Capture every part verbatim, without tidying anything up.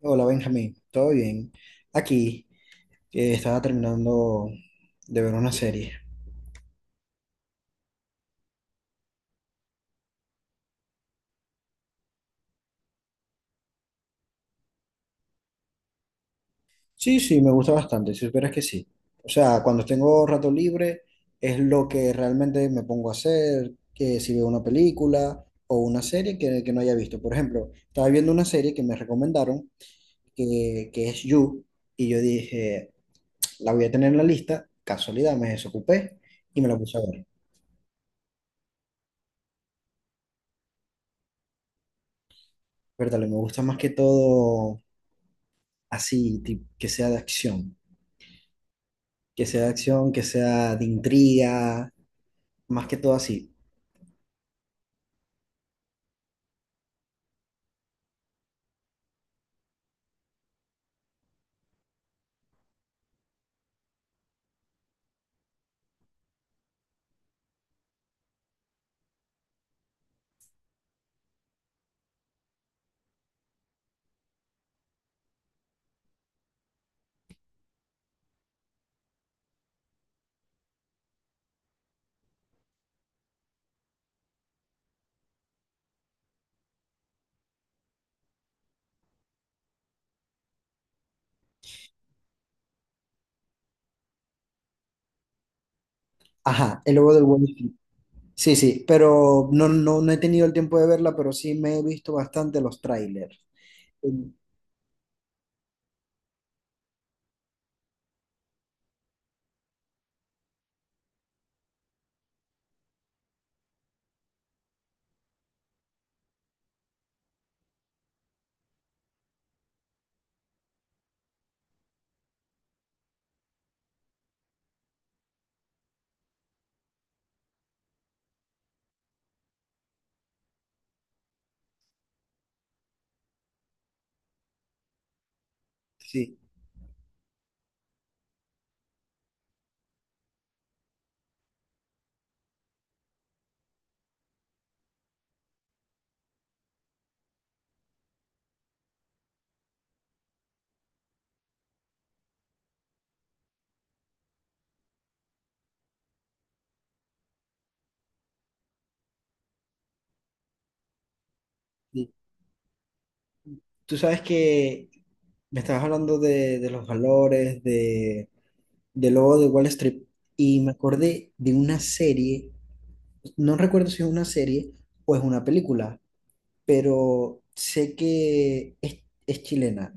Hola Benjamín, ¿todo bien? Aquí eh, estaba terminando de ver una serie. Sí, sí, me gusta bastante, si supieras que sí. O sea, cuando tengo rato libre es lo que realmente me pongo a hacer, que si veo una película o una serie que, que no haya visto. Por ejemplo, estaba viendo una serie que me recomendaron, que, que es You, y yo dije, la voy a tener en la lista, casualidad, me desocupé y me la puse a ver. Pero me gusta más que todo así, tip- que sea de acción. Que sea de acción, que sea de intriga, más que todo así. Ajá, el lobo del Wall Street. Sí, sí, pero no, no, no he tenido el tiempo de verla, pero sí me he visto bastante los trailers. Mm. Sí, sí. Tú sabes que me estabas hablando de, de los valores, de, del lobo de Wall Street, y me acordé de una serie, no recuerdo si es una serie o es una película, pero sé que es, es chilena.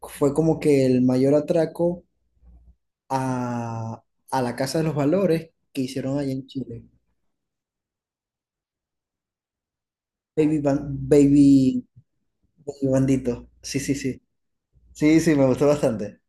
Fue como que el mayor atraco a, a la Casa de los Valores que hicieron allá en Chile. Baby, Ban- Baby, Baby Bandito. Sí, sí, sí. Sí, sí, me gustó bastante.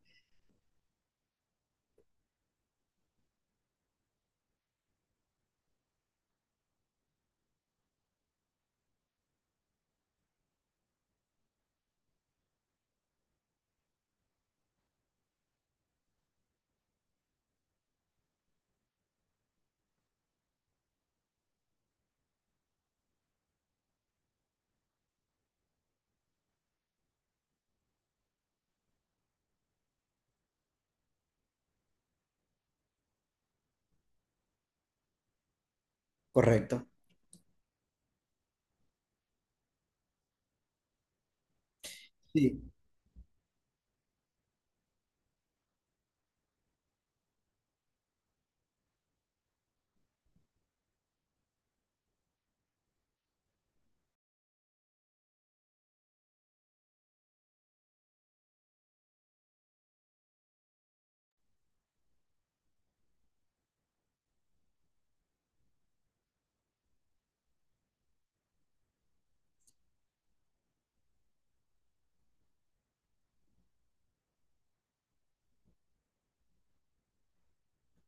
Correcto. Sí,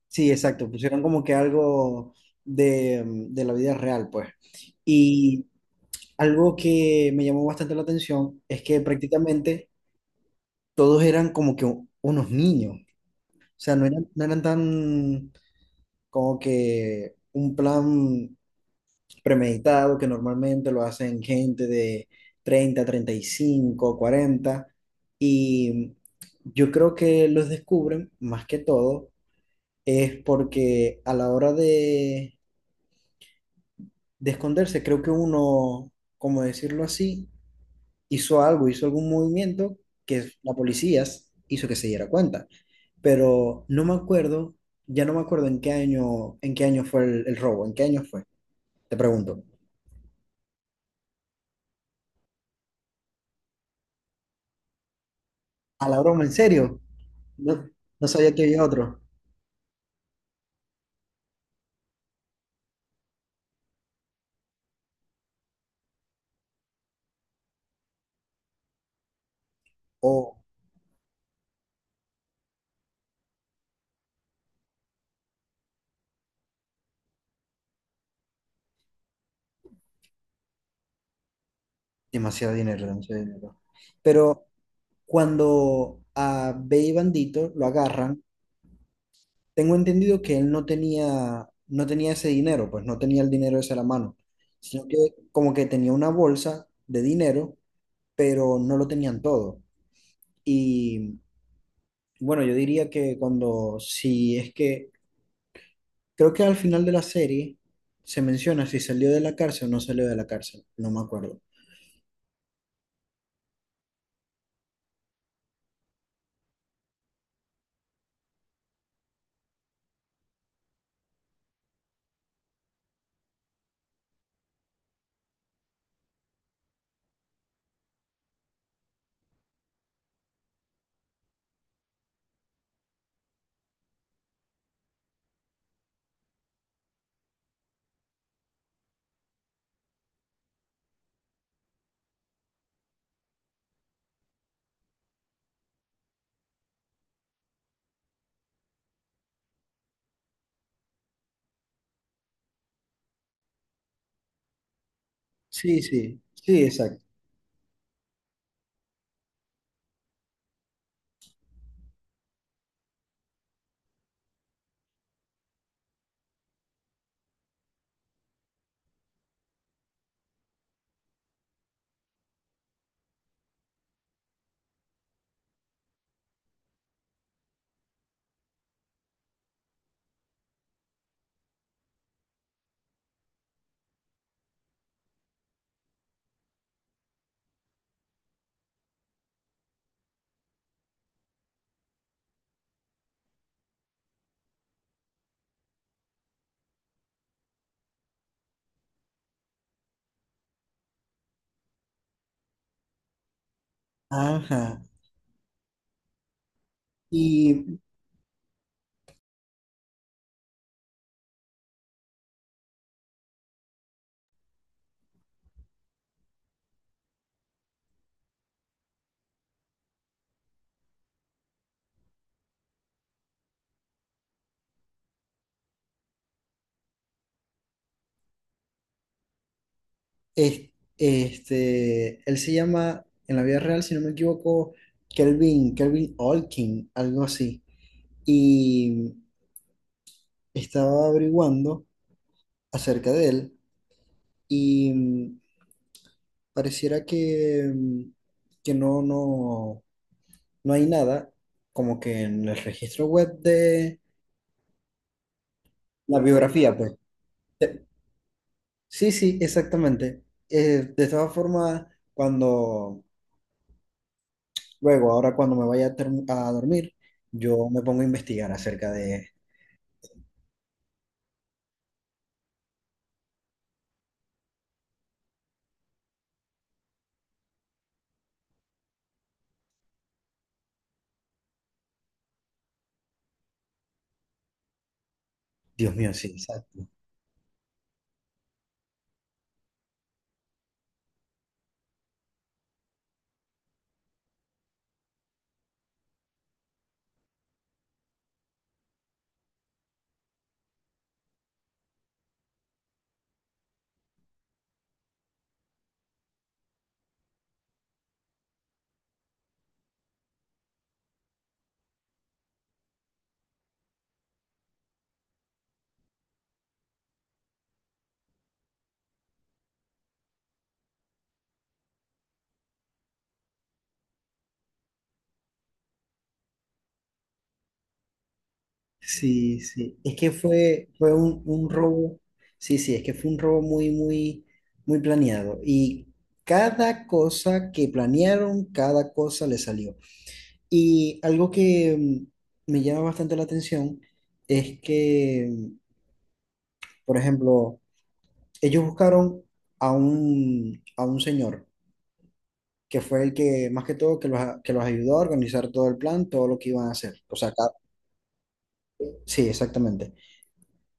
sí, exacto. Pusieron como que algo de, mm, de la vida real, pues. Y algo que me llamó bastante la atención es que prácticamente todos eran como que u- unos niños. O sea, no eran, no eran tan como que un plan premeditado, que normalmente lo hacen gente de treinta, treinta y cinco, cuarenta, y yo creo que los descubren más que todo es porque a la hora de, de esconderse, creo que uno, como decirlo así, hizo algo, hizo algún movimiento que la policía hizo que se diera cuenta. Pero no me acuerdo, ya no me acuerdo en qué año, en qué año fue el, el robo, en qué año fue, te pregunto. A la broma, ¿en serio? No, no sabía que había otro. Oh, demasiado dinero, demasiado dinero. Pero cuando a Bey Bandito lo agarran, tengo entendido que él no tenía, no tenía ese dinero, pues no tenía el dinero ese a la mano, sino que como que tenía una bolsa de dinero, pero no lo tenían todo. Y bueno, yo diría que cuando, si es que, creo que al final de la serie se menciona si salió de la cárcel o no salió de la cárcel, no me acuerdo. Sí, sí, sí, exacto. Ajá. Y es- este, él se llama, en la vida real, si no me equivoco, Kelvin, Kelvin Olkin, algo así. Y estaba averiguando acerca de él y mm, pareciera que, mm, que no, no, no hay nada como que en el registro web de la biografía, pues. Sí, sí, exactamente. Eh, de todas formas, cuando Luego, ahora cuando me vaya a, term- a dormir, yo me pongo a investigar acerca de. Dios mío, sí, exacto. Sí, sí, es que fue, fue un, un robo, sí, sí, es que fue un robo muy, muy, muy planeado. Y cada cosa que planearon, cada cosa le salió. Y algo que mm, me llama bastante la atención es que, mm, por ejemplo, ellos buscaron a un, a un señor que fue el que, más que todo, que los, a- que los ayudó a organizar todo el plan, todo lo que iban a hacer. O sea, cada- sí, exactamente.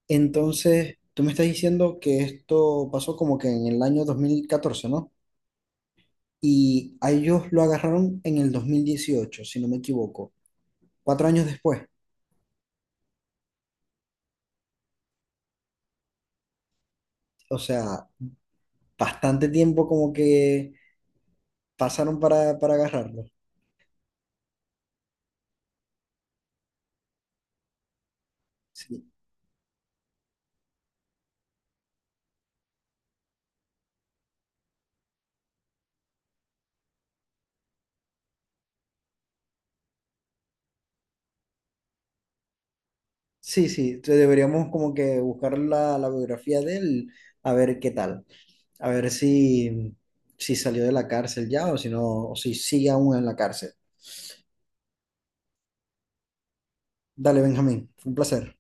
Entonces, tú me estás diciendo que esto pasó como que en el año dos mil catorce, ¿no? Y a ellos lo agarraron en el dos mil dieciocho, si no me equivoco, cuatro años después. O sea, bastante tiempo como que pasaron para, para agarrarlo. Sí, sí, sí, entonces deberíamos como que buscar la, la biografía de él a ver qué tal. A ver si, si salió de la cárcel ya o si no, o si sigue aún en la cárcel. Dale, Benjamín, fue un placer.